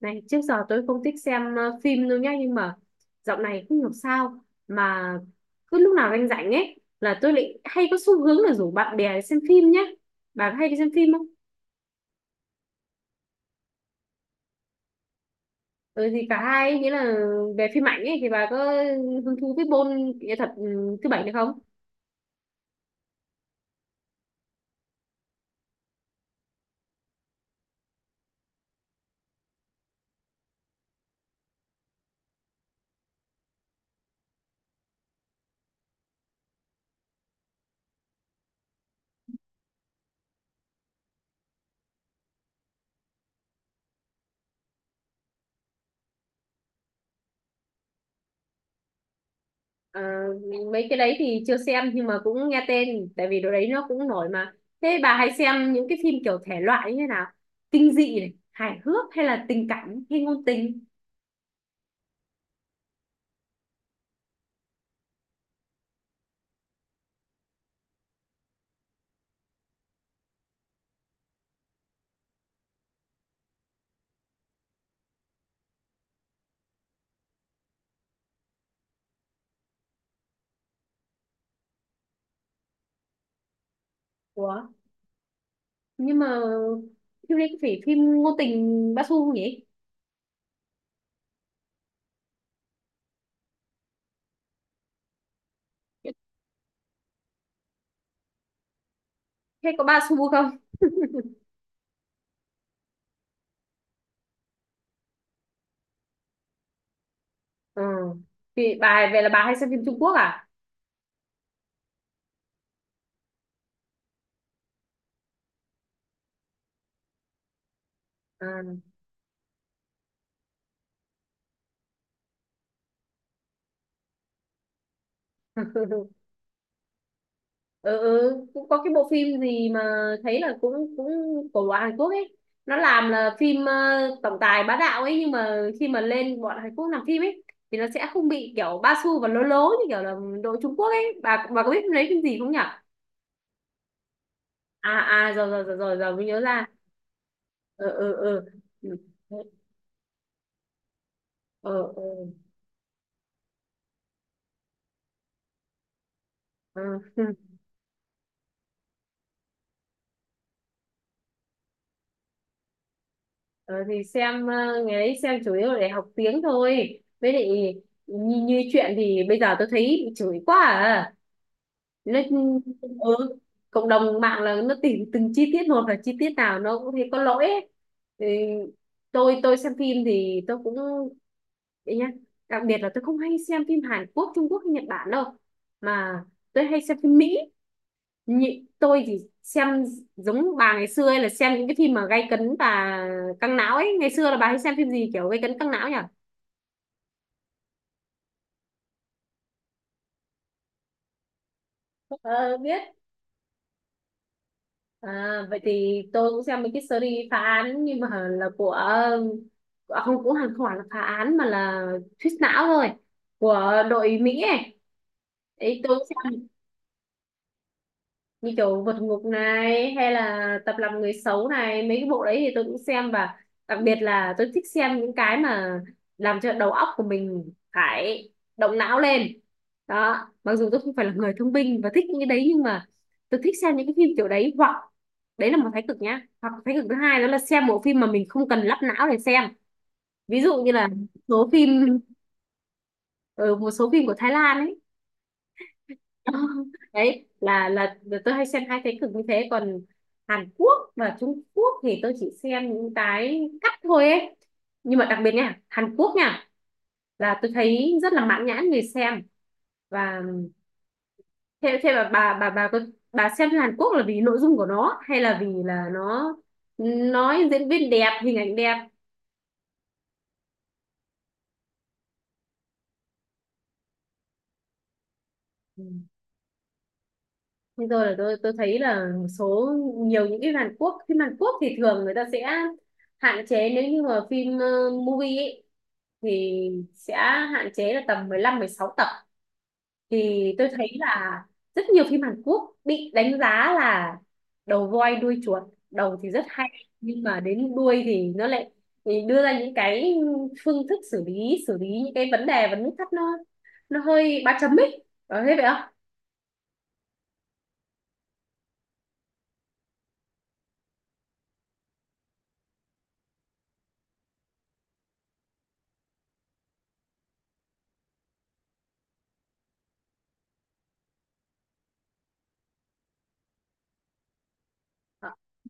Này, trước giờ tôi không thích xem phim đâu nhá, nhưng mà dạo này không hiểu sao mà cứ lúc nào anh rảnh ấy là tôi lại hay có xu hướng là rủ bạn bè đi xem phim nhá. Bà có hay đi xem phim không? Ừ thì cả hai ấy, nghĩa là về phim ảnh ấy thì bà có hứng thú với môn nghệ thuật thứ bảy được không? Ờ, mấy cái đấy thì chưa xem nhưng mà cũng nghe tên tại vì đồ đấy nó cũng nổi mà. Thế bà hay xem những cái phim kiểu thể loại như thế nào? Kinh dị này, hài hước hay là tình cảm hay ngôn tình? Ủa? Nhưng mà phim này có phải phim ngôn tình ba xu không nhỉ? Hay có ba xu không? Ờ, thì bà về là bà hay xem phim Trung Quốc à? À. Ừ, ừ. Cũng có cái bộ phim gì mà thấy là cũng cũng của bọn Hàn Quốc ấy, nó làm là phim tổng tài bá đạo ấy, nhưng mà khi mà lên bọn Hàn Quốc làm phim ấy thì nó sẽ không bị kiểu ba xu và lố lố như kiểu là đội Trung Quốc ấy. Bà có biết lấy phim gì không nhỉ? À, à, rồi rồi rồi rồi, rồi mới nhớ ra. Ờ, ờ, ờ. Ừ. Ừ, ừ. Ờ. Ờ, thì xem, ngày đấy xem chủ yếu để học tiếng thôi, với lại như chuyện thì bây giờ tôi thấy bị chửi quá à. Nó, ừ, cộng đồng mạng là nó tìm từng chi tiết một và chi tiết nào nó cũng thấy có lỗi ấy. Thì tôi xem phim thì tôi cũng đấy nhá. Đặc biệt là tôi không hay xem phim Hàn Quốc, Trung Quốc hay Nhật Bản đâu, mà tôi hay xem phim Mỹ. Nhị, tôi thì xem giống bà ngày xưa ấy, là xem những cái phim mà gay cấn và căng não ấy. Ngày xưa là bà hay xem phim gì kiểu gay cấn căng não nhỉ? Ờ, biết. À, vậy thì tôi cũng xem mấy cái series phá án, nhưng mà là của, à, không cũng hẳn không phải là phá án mà là thuyết não thôi của đội Mỹ ấy. Đấy, tôi cũng xem, như kiểu vượt ngục này hay là tập làm người xấu này, mấy cái bộ đấy thì tôi cũng xem. Và đặc biệt là tôi thích xem những cái mà làm cho đầu óc của mình phải động não lên đó, mặc dù tôi không phải là người thông minh và thích những cái đấy, nhưng mà tôi thích xem những cái phim kiểu đấy. Hoặc đấy là một thái cực nhá, hoặc thái cực thứ hai đó là xem bộ phim mà mình không cần lắp não để xem, ví dụ như là số phim, ở một số phim của Thái Lan ấy. Ờ, đấy là tôi hay xem hai thế cực như thế. Còn Hàn Quốc và Trung Quốc thì tôi chỉ xem những cái cắt thôi ấy, nhưng mà đặc biệt nha, Hàn Quốc nha, là tôi thấy rất là mãn nhãn người xem. Và thế thế mà bà có, bà xem phim Hàn Quốc là vì nội dung của nó hay là vì là nó, nói diễn viên đẹp, hình ảnh đẹp? Bây giờ là tôi thấy là một số, nhiều những cái Hàn Quốc, phim Hàn Quốc thì thường người ta sẽ hạn chế, nếu như mà phim movie ấy, thì sẽ hạn chế là tầm 15 16 tập. Thì tôi thấy là rất nhiều phim Hàn Quốc bị đánh giá là đầu voi đuôi chuột, đầu thì rất hay nhưng mà đến đuôi thì nó lại, thì đưa ra những cái phương thức xử lý những cái vấn đề vấn thắc, nó hơi ba chấm ấy, có thế vậy không?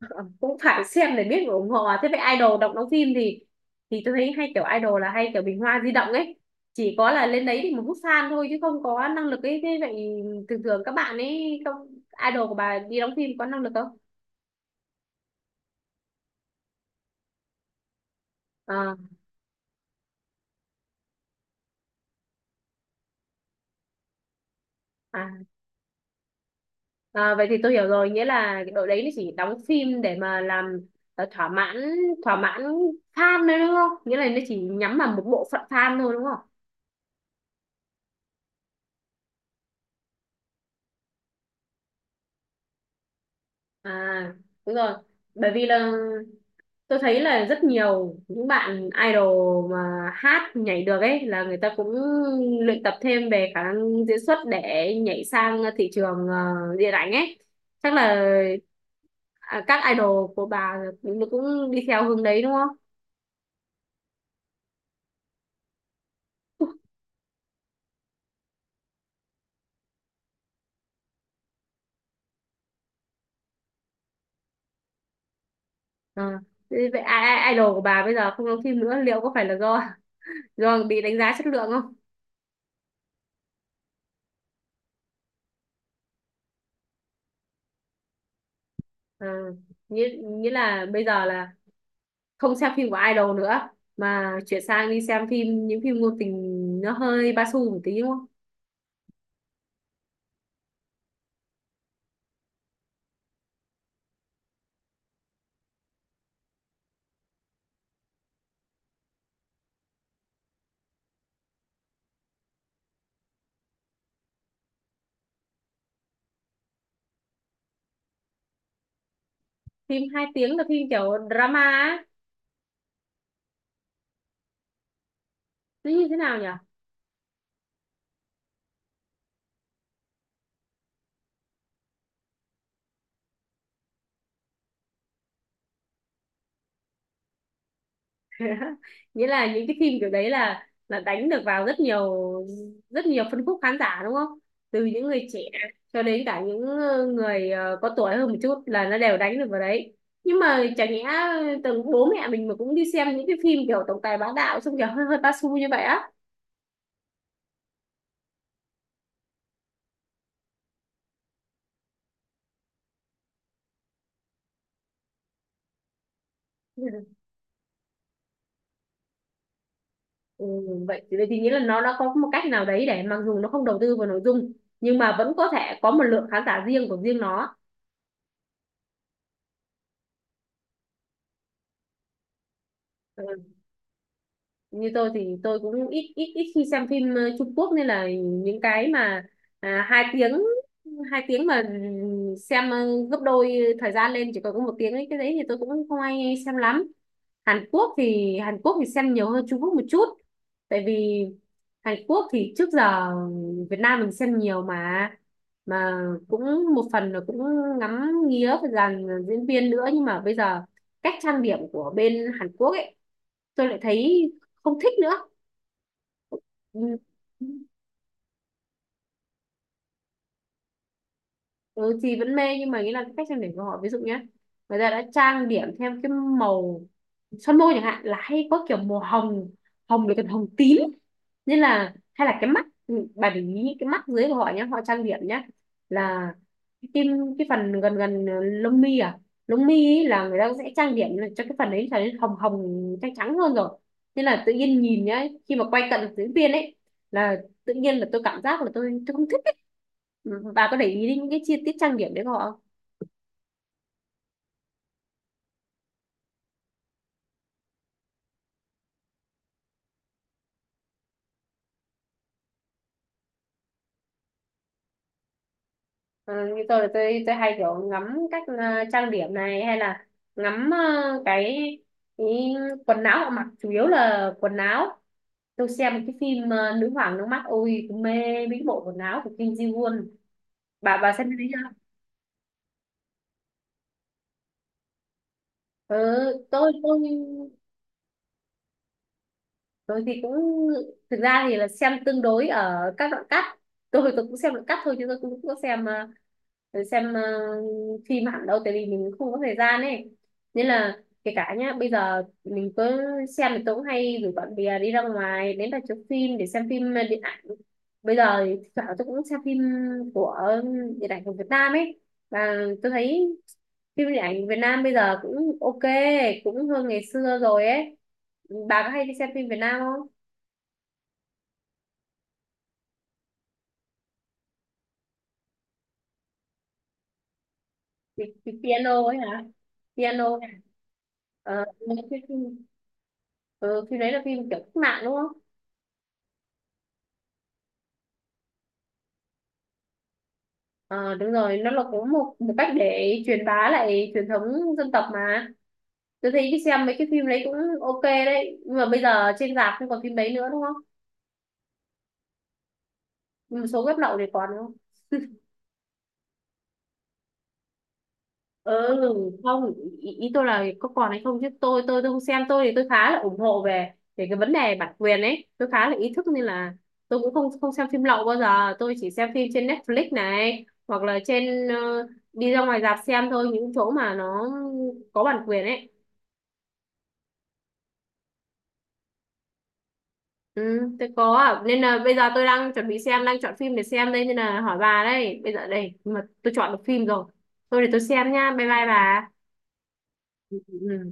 Ờ, cũng phải xem để biết và ủng hộ à. Thế vậy idol đọc đóng phim thì tôi thấy hay kiểu idol là hay kiểu bình hoa di động ấy, chỉ có là lên đấy thì một hút fan thôi chứ không có năng lực ấy. Thế vậy thường thường các bạn ấy không, idol của bà đi đóng phim có năng lực không? À, à, à, vậy thì tôi hiểu rồi, nghĩa là cái đội đấy nó chỉ đóng phim để mà làm ờ, thỏa mãn thỏa mãn fan thôi đúng không, nghĩa là nó chỉ nhắm vào một bộ phận fan thôi đúng không? À, đúng rồi. Bởi vì là tôi thấy là rất nhiều những bạn idol mà hát nhảy được ấy là người ta cũng luyện tập thêm về khả năng diễn xuất để nhảy sang thị trường điện ảnh ấy. Chắc là, các idol của bà cũng cũng đi theo hướng đấy đúng không? Ờ. Vậy idol của bà bây giờ không đóng phim nữa liệu có phải là do do bị đánh giá chất lượng không? Ờ. Nghĩa là bây giờ là không xem phim của idol nữa, mà chuyển sang đi xem phim, những phim ngôn tình nó hơi ba xu một tí đúng không? Phim hai tiếng là phim kiểu drama á. Nó như thế nào nhỉ? Nghĩa là những cái phim kiểu đấy là đánh được vào rất nhiều, rất nhiều phân khúc khán giả đúng không? Từ những người trẻ cho đến cả những người có tuổi hơn một chút, là nó đều đánh được vào đấy. Nhưng mà chả nhẽ từng bố mẹ mình mà cũng đi xem những cái phim kiểu tổng tài bá đạo xong kiểu hơi hơi ba xu như vậy á? Ừ, vậy thì nghĩa là nó đã có một cách nào đấy để mặc dù nó không đầu tư vào nội dung, nhưng mà vẫn có thể có một lượng khán giả riêng của riêng nó. Ừ. Như tôi thì tôi cũng ít ít ít khi xem phim Trung Quốc, nên là những cái mà 2 tiếng, 2 tiếng mà xem gấp đôi thời gian lên, chỉ còn có 1 tiếng ấy, cái đấy thì tôi cũng không ai xem lắm. Hàn Quốc thì xem nhiều hơn Trung Quốc một chút, tại vì Hàn Quốc thì trước giờ Việt Nam mình xem nhiều mà cũng một phần là cũng ngắm nghía về dàn diễn viên nữa. Nhưng mà bây giờ cách trang điểm của bên Hàn Quốc ấy tôi lại thấy không thích nữa. Ừ. Ừ, chị vẫn mê nhưng mà nghĩ là cái cách trang điểm của họ, ví dụ nhé, người ta đã trang điểm theo cái màu son môi chẳng hạn là hay có kiểu màu hồng hồng với cả hồng tím, nên là hay là cái mắt, bà để ý những cái mắt dưới của họ nhé, họ trang điểm nhé, là cái tim, cái phần gần gần lông mi, à, lông mi ý là người ta sẽ trang điểm là cho cái phần đấy trở nên hồng hồng trắng trắng hơn rồi. Nên là tự nhiên nhìn nhá, khi mà quay cận diễn viên ấy, là tự nhiên là tôi cảm giác là tôi không thích. Ừ, bà có để ý đến những cái chi tiết trang điểm đấy của họ không? Ừ, như tôi là tôi hay kiểu ngắm cách trang điểm này, hay là ngắm cái, cái quần áo họ mặc, chủ yếu là quần áo. Tôi xem cái phim nữ hoàng nước mắt, ôi tôi mê mấy cái bộ quần áo của Kim Ji Won. Bà xem cái đấy chưa? Ừ, tôi thì cũng, thực ra thì là xem tương đối ở các đoạn cắt. Tôi cũng xem đoạn cắt thôi chứ tôi cũng không có xem, xem phim hẳn đâu, tại vì mình không có thời gian ấy. Nên là, kể cả nhá, bây giờ mình cứ xem, thì tôi cũng hay rủ bạn bè đi ra ngoài đến rạp chiếu phim để xem phim điện ảnh. Bây giờ thì thỉnh thoảng tôi cũng xem phim của điện ảnh của Việt Nam ấy, và tôi thấy phim điện ảnh Việt Nam bây giờ cũng ok, cũng hơn ngày xưa rồi ấy. Bà có hay đi xem phim Việt Nam không? Thì piano ấy hả? Piano. ờ, cái phim, ừ, phim đấy là phim kiểu cách mạng đúng không? Ờ, đúng rồi, nó là cũng một một cách để truyền bá lại truyền thống dân tộc mà. Tôi thấy đi xem mấy cái phim đấy cũng ok đấy, nhưng mà bây giờ trên rạp không còn phim đấy nữa đúng không? Một số web lậu thì còn đúng không? Ừ. Không. Ý tôi là có còn hay không, chứ tôi không xem. Tôi thì tôi khá là ủng hộ về về cái vấn đề bản quyền ấy, tôi khá là ý thức nên là tôi cũng không không xem phim lậu bao giờ. Tôi chỉ xem phim trên Netflix này hoặc là trên, đi ra ngoài rạp xem thôi, những chỗ mà nó có bản quyền ấy. Ừ, tôi có ạ. Nên là bây giờ tôi đang chuẩn bị xem, đang chọn phim để xem đây, nên là hỏi bà đây bây giờ đây. Nhưng mà tôi chọn được phim rồi, tôi để tôi xem nha, bye bye bà. Ừ.